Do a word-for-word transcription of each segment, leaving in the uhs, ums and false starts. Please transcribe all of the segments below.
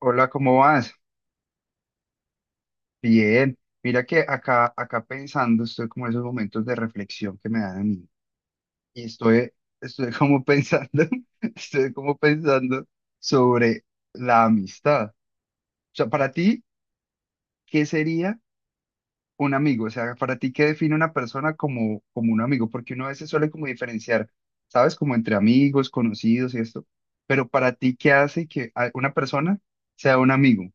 Hola, ¿cómo vas? Bien. Mira que acá, acá pensando, estoy como en esos momentos de reflexión que me dan a mí. Y estoy, estoy como pensando, estoy como pensando sobre la amistad. O sea, para ti, ¿qué sería un amigo? O sea, para ti, ¿qué define una persona como, como un amigo? Porque uno a veces suele como diferenciar, ¿sabes? Como entre amigos, conocidos y esto. Pero para ti, ¿qué hace que a- una persona sea un amigo?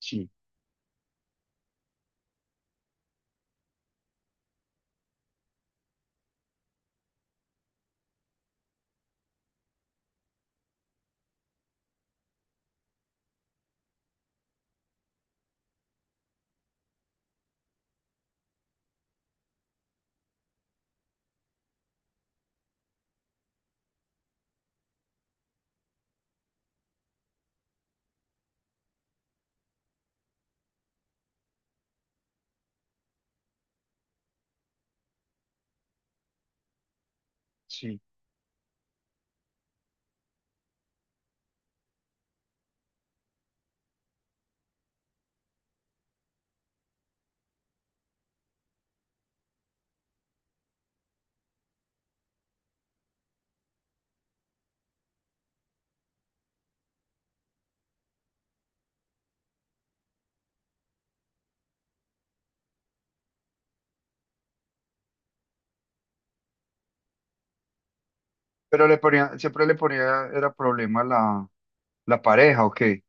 Sí, sí. Pero le ponía, siempre le ponía, era problema la, la pareja, ¿o qué?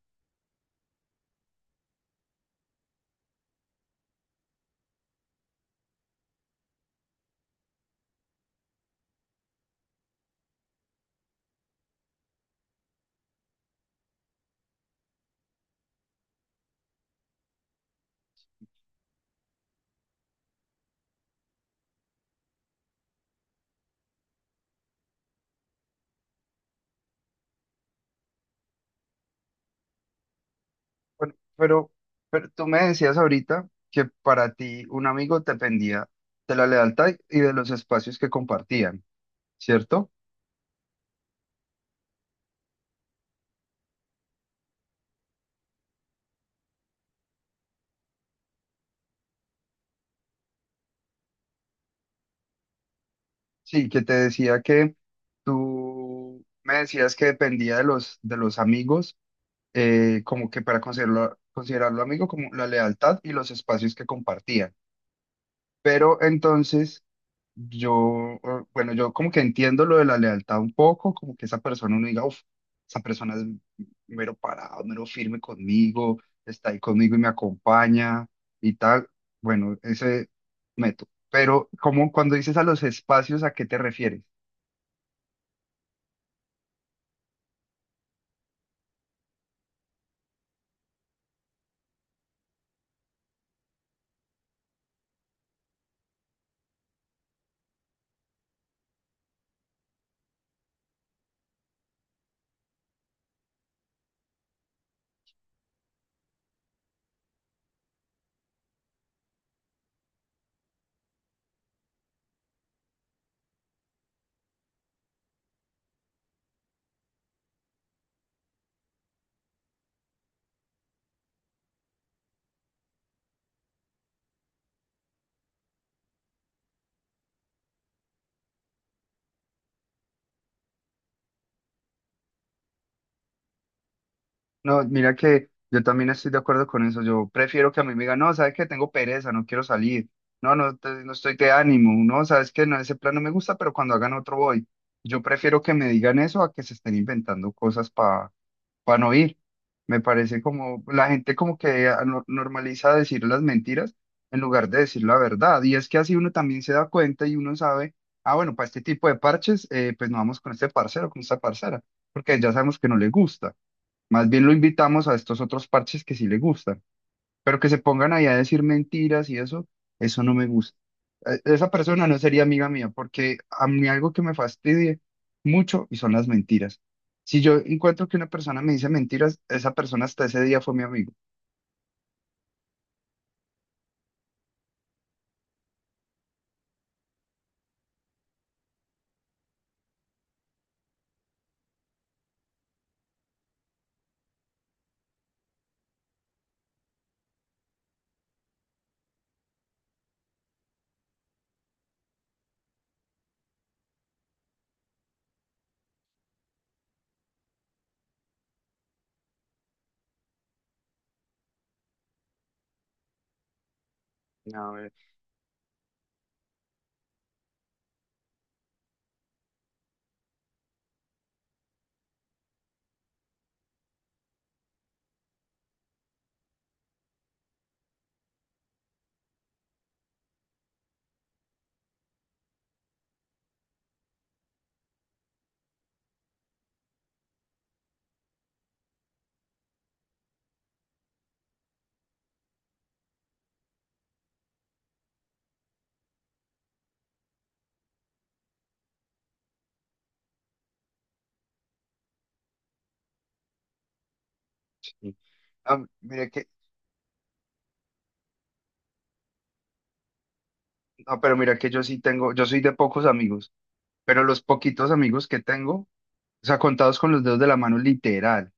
Bueno, pero, pero tú me decías ahorita que para ti un amigo dependía de la lealtad y de los espacios que compartían, ¿cierto? Sí, que te decía que tú me decías que dependía de los, de los amigos, eh, como que para considerarlo, considerarlo amigo, como la lealtad y los espacios que compartían. Pero entonces... Yo, eh, bueno, yo como que entiendo lo de la lealtad un poco, como que esa persona uno diga, uff, esa persona es mero parado, mero firme conmigo, está ahí conmigo y me acompaña y tal. Bueno, ese método. Pero como cuando dices a los espacios, ¿a qué te refieres? No, mira que yo también estoy de acuerdo con eso. Yo prefiero que a mí me digan, no, sabes que tengo pereza, no quiero salir. No, no, te- no estoy de ánimo. No, sabes que no, ese plan no me gusta, pero cuando hagan otro voy. Yo prefiero que me digan eso a que se estén inventando cosas para no ir. Me parece como la gente como que ah, no- normaliza decir las mentiras en lugar de decir la verdad. Y es que así uno también se da cuenta y uno sabe, ah, bueno, para este tipo de parches, eh, pues no vamos con este parcero, con esta parcera, porque ya sabemos que no le gusta. Más bien lo invitamos a estos otros parches que sí le gustan, pero que se pongan ahí a decir mentiras y eso, eso no me gusta. E- Esa persona no sería amiga mía porque a mí algo que me fastidie mucho y son las mentiras. Si yo encuentro que una persona me dice mentiras, esa persona hasta ese día fue mi amigo. A ver, sí. Ah, mira que, no, pero mira que yo sí tengo, yo soy de pocos amigos, pero los poquitos amigos que tengo, o sea, contados con los dedos de la mano, literal.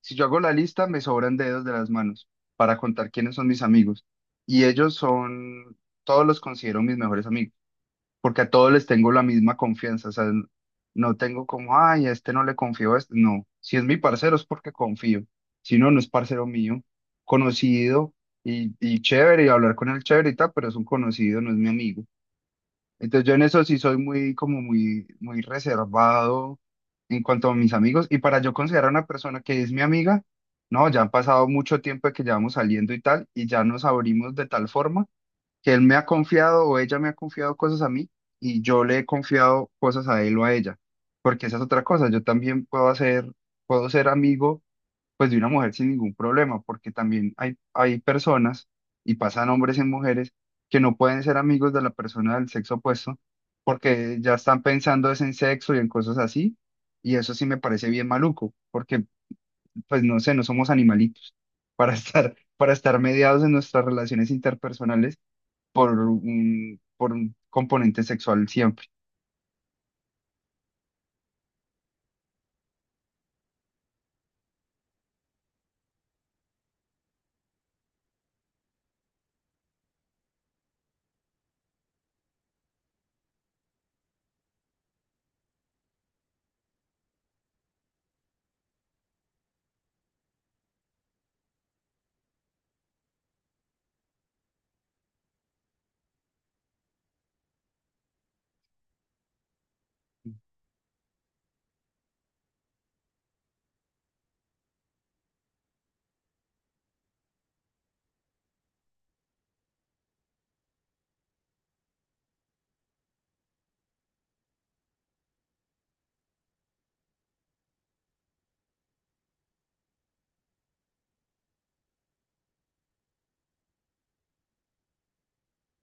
Si yo hago la lista, me sobran dedos de las manos para contar quiénes son mis amigos. Y ellos son, todos los considero mis mejores amigos, porque a todos les tengo la misma confianza. O sea, n- no tengo como, ay, a este no le confío a este. No, si es mi parcero es porque confío. Si no, no es parcero mío, conocido y, y chévere, y hablar con él chévere y tal, pero es un conocido, no es mi amigo. Entonces yo en eso sí soy muy, como muy, muy reservado en cuanto a mis amigos. Y para yo considerar a una persona que es mi amiga, no, ya han pasado mucho tiempo de que llevamos saliendo y tal, y ya nos abrimos de tal forma que él me ha confiado o ella me ha confiado cosas a mí y yo le he confiado cosas a él o a ella. Porque esa es otra cosa, yo también puedo hacer, puedo ser amigo pues de una mujer sin ningún problema, porque también hay, hay personas, y pasan hombres en mujeres, que no pueden ser amigos de la persona del sexo opuesto, porque ya están pensando es en sexo y en cosas así, y eso sí me parece bien maluco, porque pues no sé, no somos animalitos para estar, para estar mediados en nuestras relaciones interpersonales por un, por un componente sexual.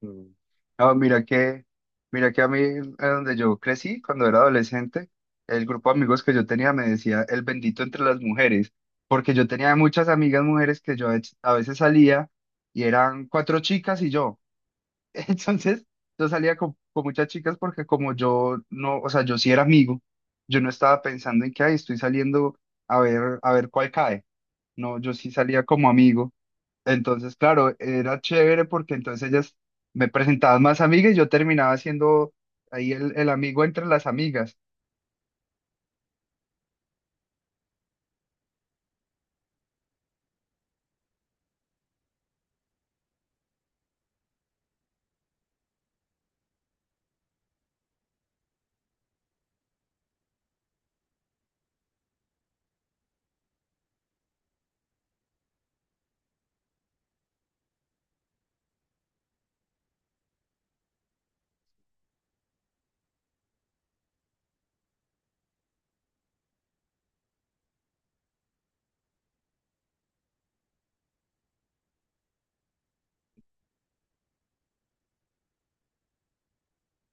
Mm. No, mira que, mira que a mí, eh, donde yo crecí, cuando era adolescente, el grupo de amigos que yo tenía me decía el bendito entre las mujeres, porque yo tenía muchas amigas mujeres que yo a vec- a veces salía y eran cuatro chicas y yo. Entonces, yo salía con, con muchas chicas porque como yo no, o sea, yo sí era amigo, yo no estaba pensando en que, ay, estoy saliendo a ver, a ver cuál cae. No, yo sí salía como amigo. Entonces, claro, era chévere porque entonces ellas me presentaban más amigas y yo terminaba siendo ahí el, el amigo entre las amigas.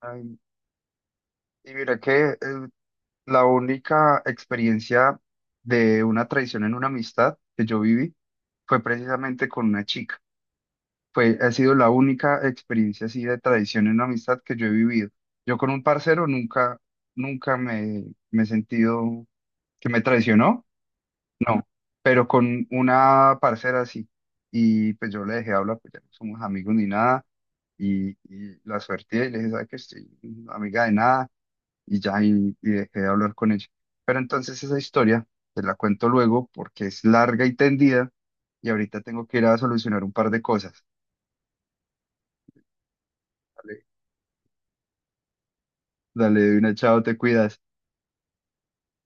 Ay, y mira que eh, la única experiencia de una traición en una amistad que yo viví fue precisamente con una chica. Fue, ha sido la única experiencia así de traición en una amistad que yo he vivido. Yo con un parcero nunca, nunca me, me he sentido que me traicionó. Pero con una parcera así. Y pues yo le dejé hablar, pues ya no somos amigos ni nada. Y, y la suerte y le dije, ¿sabes qué? Estoy amiga de nada. Y ya, y, y dejé de hablar con ella. Pero entonces esa historia te la cuento luego porque es larga y tendida. Y ahorita tengo que ir a solucionar un par de cosas. Dale, dale, de una, chao, te cuidas.